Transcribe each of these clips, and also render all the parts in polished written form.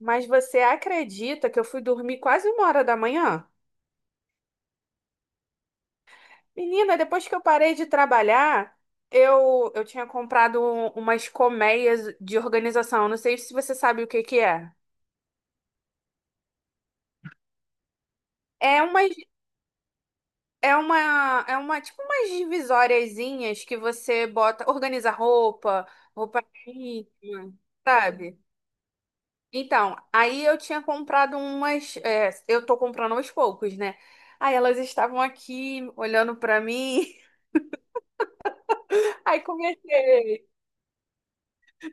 Mas você acredita que eu fui dormir quase uma hora da manhã? Menina, depois que eu parei de trabalhar, eu tinha comprado umas colmeias de organização. Não sei se você sabe o que que é. É uma é uma, é uma, tipo umas divisóriazinhas que você bota, organiza roupa, roupa íntima, sabe? Então, aí eu tinha comprado umas, eu tô comprando aos poucos, né? Aí elas estavam aqui olhando pra mim. Aí comecei.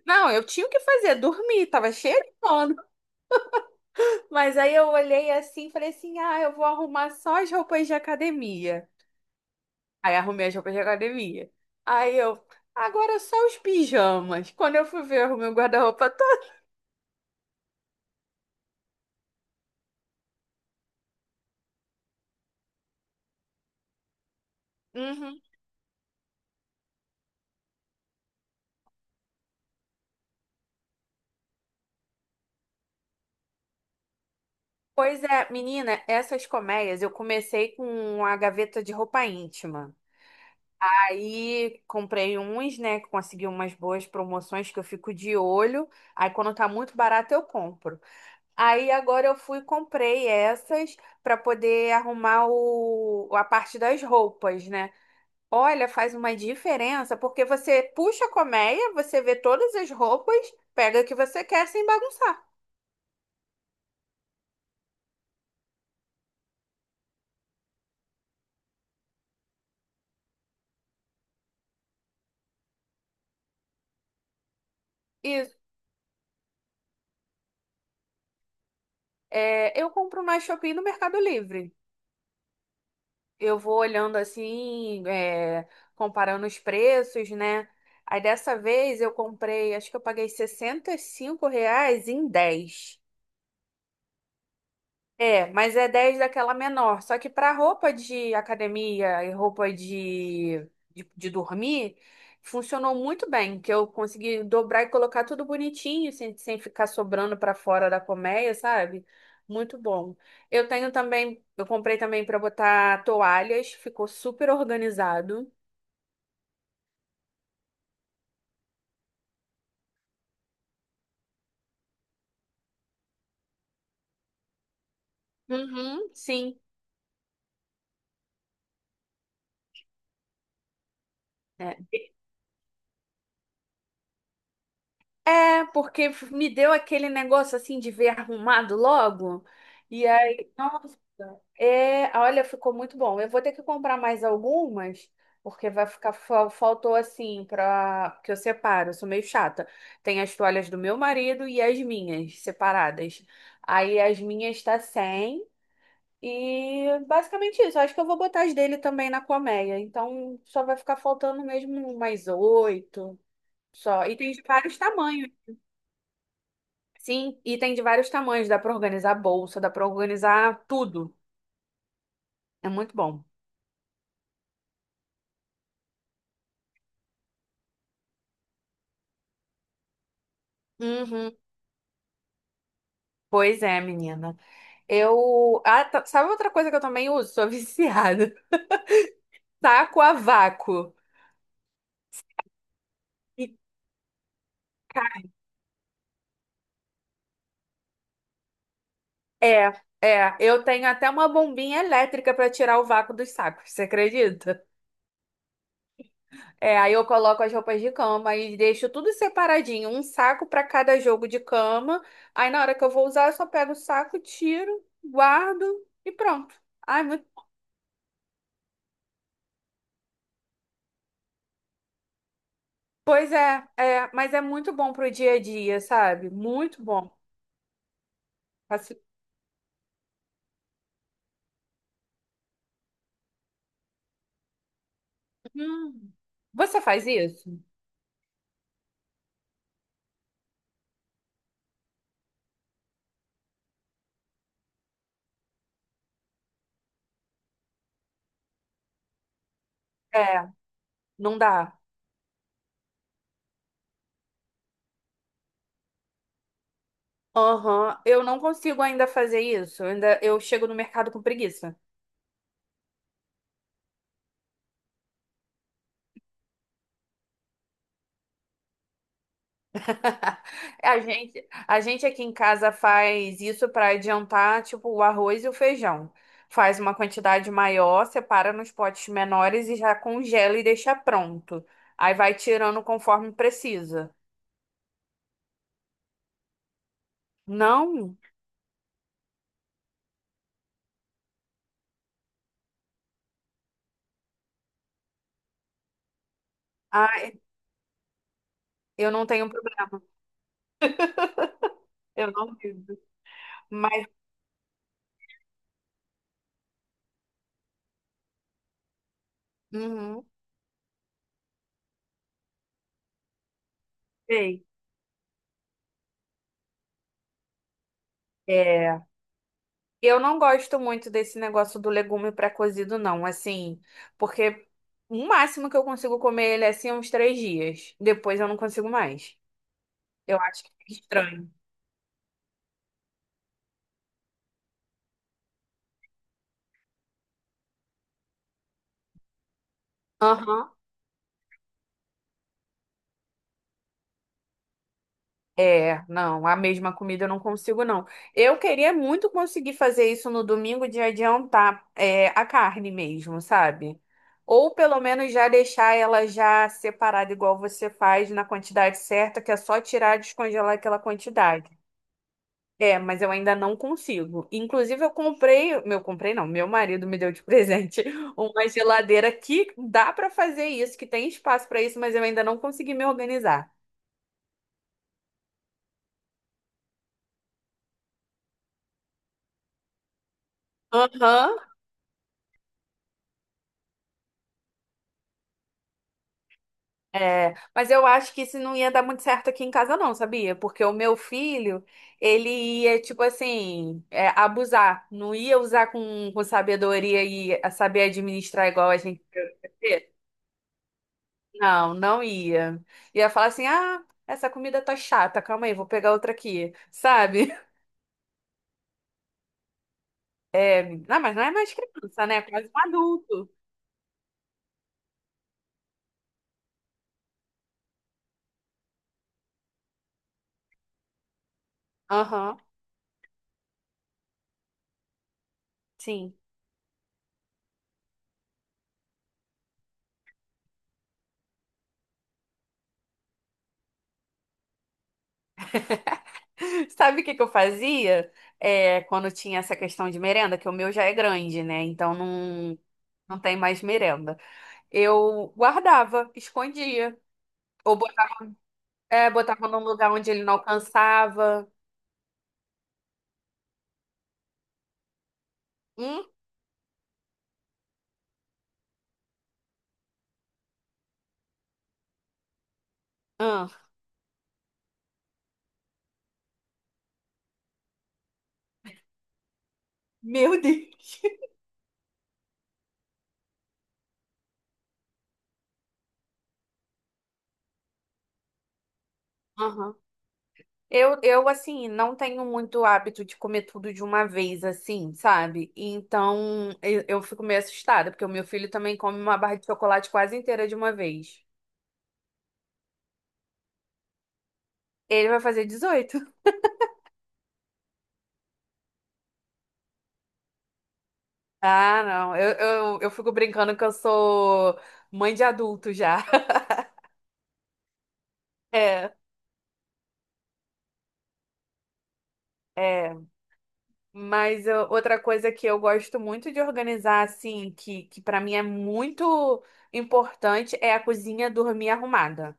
Não, eu tinha o que fazer, dormir, tava cheia de sono. Mas aí eu olhei assim, e falei assim: ah, eu vou arrumar só as roupas de academia. Aí arrumei as roupas de academia. Aí eu, agora só os pijamas. Quando eu fui ver, eu arrumei o guarda-roupa todo. Uhum. Pois é, menina, essas colmeias eu comecei com a gaveta de roupa íntima. Aí comprei uns, né? Consegui umas boas promoções que eu fico de olho. Aí quando tá muito barato, eu compro. Aí agora eu fui e comprei essas para poder arrumar a parte das roupas, né? Olha, faz uma diferença, porque você puxa a colmeia, você vê todas as roupas, pega o que você quer sem bagunçar. Isso. É, eu compro na Shopee e no Mercado Livre. Eu vou olhando assim, comparando os preços, né? Aí dessa vez eu comprei, acho que eu paguei 65 reais em 10. É, mas é 10 daquela menor. Só que para roupa de academia e roupa de dormir, funcionou muito bem, que eu consegui dobrar e colocar tudo bonitinho, sem ficar sobrando para fora da colmeia, sabe? Muito bom. Eu tenho também, eu comprei também para botar toalhas, ficou super organizado. Uhum, sim. É. É, porque me deu aquele negócio assim de ver arrumado logo. E aí, nossa, olha, ficou muito bom. Eu vou ter que comprar mais algumas, porque vai ficar, faltou assim para que eu separo, eu sou meio chata. Tem as toalhas do meu marido e as minhas separadas. Aí as minhas tá sem e basicamente isso. Acho que eu vou botar as dele também na colmeia. Então só vai ficar faltando mesmo mais oito. Só. E tem de vários tamanhos. Sim, e tem de vários tamanhos. Dá pra organizar bolsa, dá pra organizar tudo. É muito bom. Uhum. Pois é, menina. Eu. Ah, sabe outra coisa que eu também uso? Sou viciada. Taco a vácuo. E, ca- É, é. Eu tenho até uma bombinha elétrica pra tirar o vácuo dos sacos, você acredita? É, aí eu coloco as roupas de cama e deixo tudo separadinho, um saco pra cada jogo de cama. Aí na hora que eu vou usar, eu só pego o saco, tiro, guardo e pronto. Ai, pois é, é, mas é muito bom pro dia a dia, sabe? Muito bom. Assim, hum, você faz isso? É, não dá. Aham, eu não consigo ainda fazer isso. Ainda eu chego no mercado com preguiça. A gente aqui em casa faz isso para adiantar, tipo, o arroz e o feijão. Faz uma quantidade maior, separa nos potes menores e já congela e deixa pronto. Aí vai tirando conforme precisa. Não, ah, eu não tenho problema. Eu não vivo. Mas, uhum, sei. É, eu não gosto muito desse negócio do legume pré-cozido, não, assim, porque o máximo que eu consigo comer ele é assim uns 3 dias. Depois eu não consigo mais. Eu acho que é estranho. Aham. É, não, a mesma comida eu não consigo, não. Eu queria muito conseguir fazer isso no domingo de adiantar a carne mesmo, sabe? Ou pelo menos já deixar ela já separada, igual você faz, na quantidade certa, que é só tirar e descongelar aquela quantidade. É, mas eu ainda não consigo. Inclusive, eu comprei, comprei não, meu marido me deu de presente uma geladeira que dá pra fazer isso, que tem espaço pra isso, mas eu ainda não consegui me organizar. Aham, é, mas eu acho que isso não ia dar muito certo aqui em casa, não, sabia? Porque o meu filho, ele ia, tipo assim, abusar. Não ia usar com sabedoria e a saber administrar igual a gente. Não, não ia. Ia falar assim: ah, essa comida tá chata, calma aí, vou pegar outra aqui, sabe? Não, mas não é mais criança, né? É quase um adulto. Aham, sim. Sabe o que que eu fazia? É, quando tinha essa questão de merenda, que o meu já é grande, né? Então não. Não tem mais merenda. Eu guardava, escondia. Ou botava, botava num lugar onde ele não alcançava. Hum? Hum. Meu Deus. Aham. Assim, não tenho muito hábito de comer tudo de uma vez, assim, sabe? Então, eu fico meio assustada, porque o meu filho também come uma barra de chocolate quase inteira de uma vez. Ele vai fazer 18? Ah, não. Eu fico brincando que eu sou mãe de adulto já. É, é. Mas outra coisa que eu gosto muito de organizar, assim, que para mim é muito importante, é a cozinha dormir arrumada.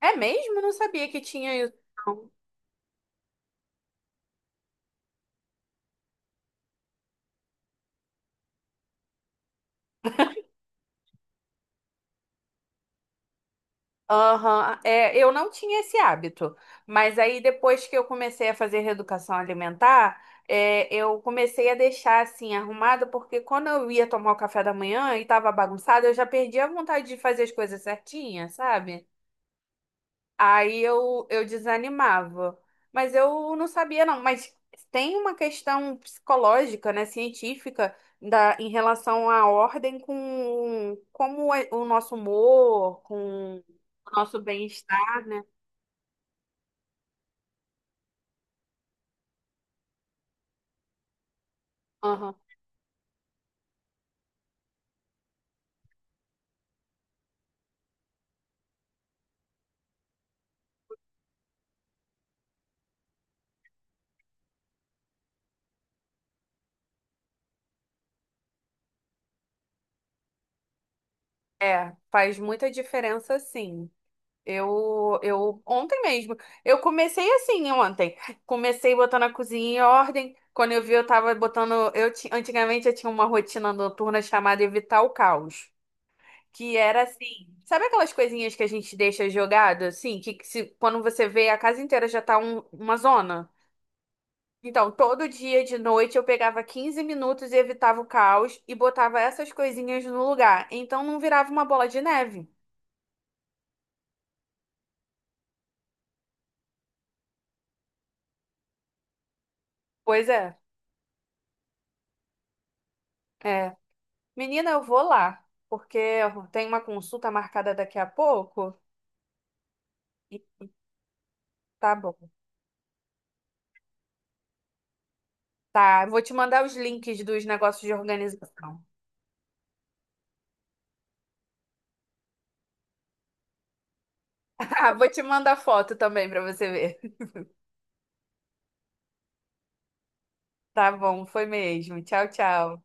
É mesmo? Não sabia que tinha isso. Não. Aham, eu não tinha esse hábito, mas aí depois que eu comecei a fazer reeducação alimentar, eu comecei a deixar assim arrumada, porque quando eu ia tomar o café da manhã e tava bagunçado, eu já perdi a vontade de fazer as coisas certinhas, sabe? Aí eu desanimava. Mas eu não sabia, não. Mas tem uma questão psicológica, né, científica, da, em relação à ordem com como é o nosso humor, com o nosso bem-estar, né? Aham. É, faz muita diferença, sim. Ontem mesmo, eu comecei assim ontem. Comecei botando a cozinha em ordem. Quando eu vi, eu tava botando. Antigamente eu tinha uma rotina noturna chamada Evitar o Caos. Que era assim. Sabe aquelas coisinhas que a gente deixa jogada, assim? Que se, quando você vê, a casa inteira já tá uma zona. Então, todo dia de noite eu pegava 15 minutos e evitava o caos e botava essas coisinhas no lugar. Então não virava uma bola de neve. Pois é, é. Menina, eu vou lá, porque eu tenho uma consulta marcada daqui a pouco. E tá bom. Tá, vou te mandar os links dos negócios de organização. Vou te mandar foto também pra você ver. Tá bom, foi mesmo. Tchau, tchau.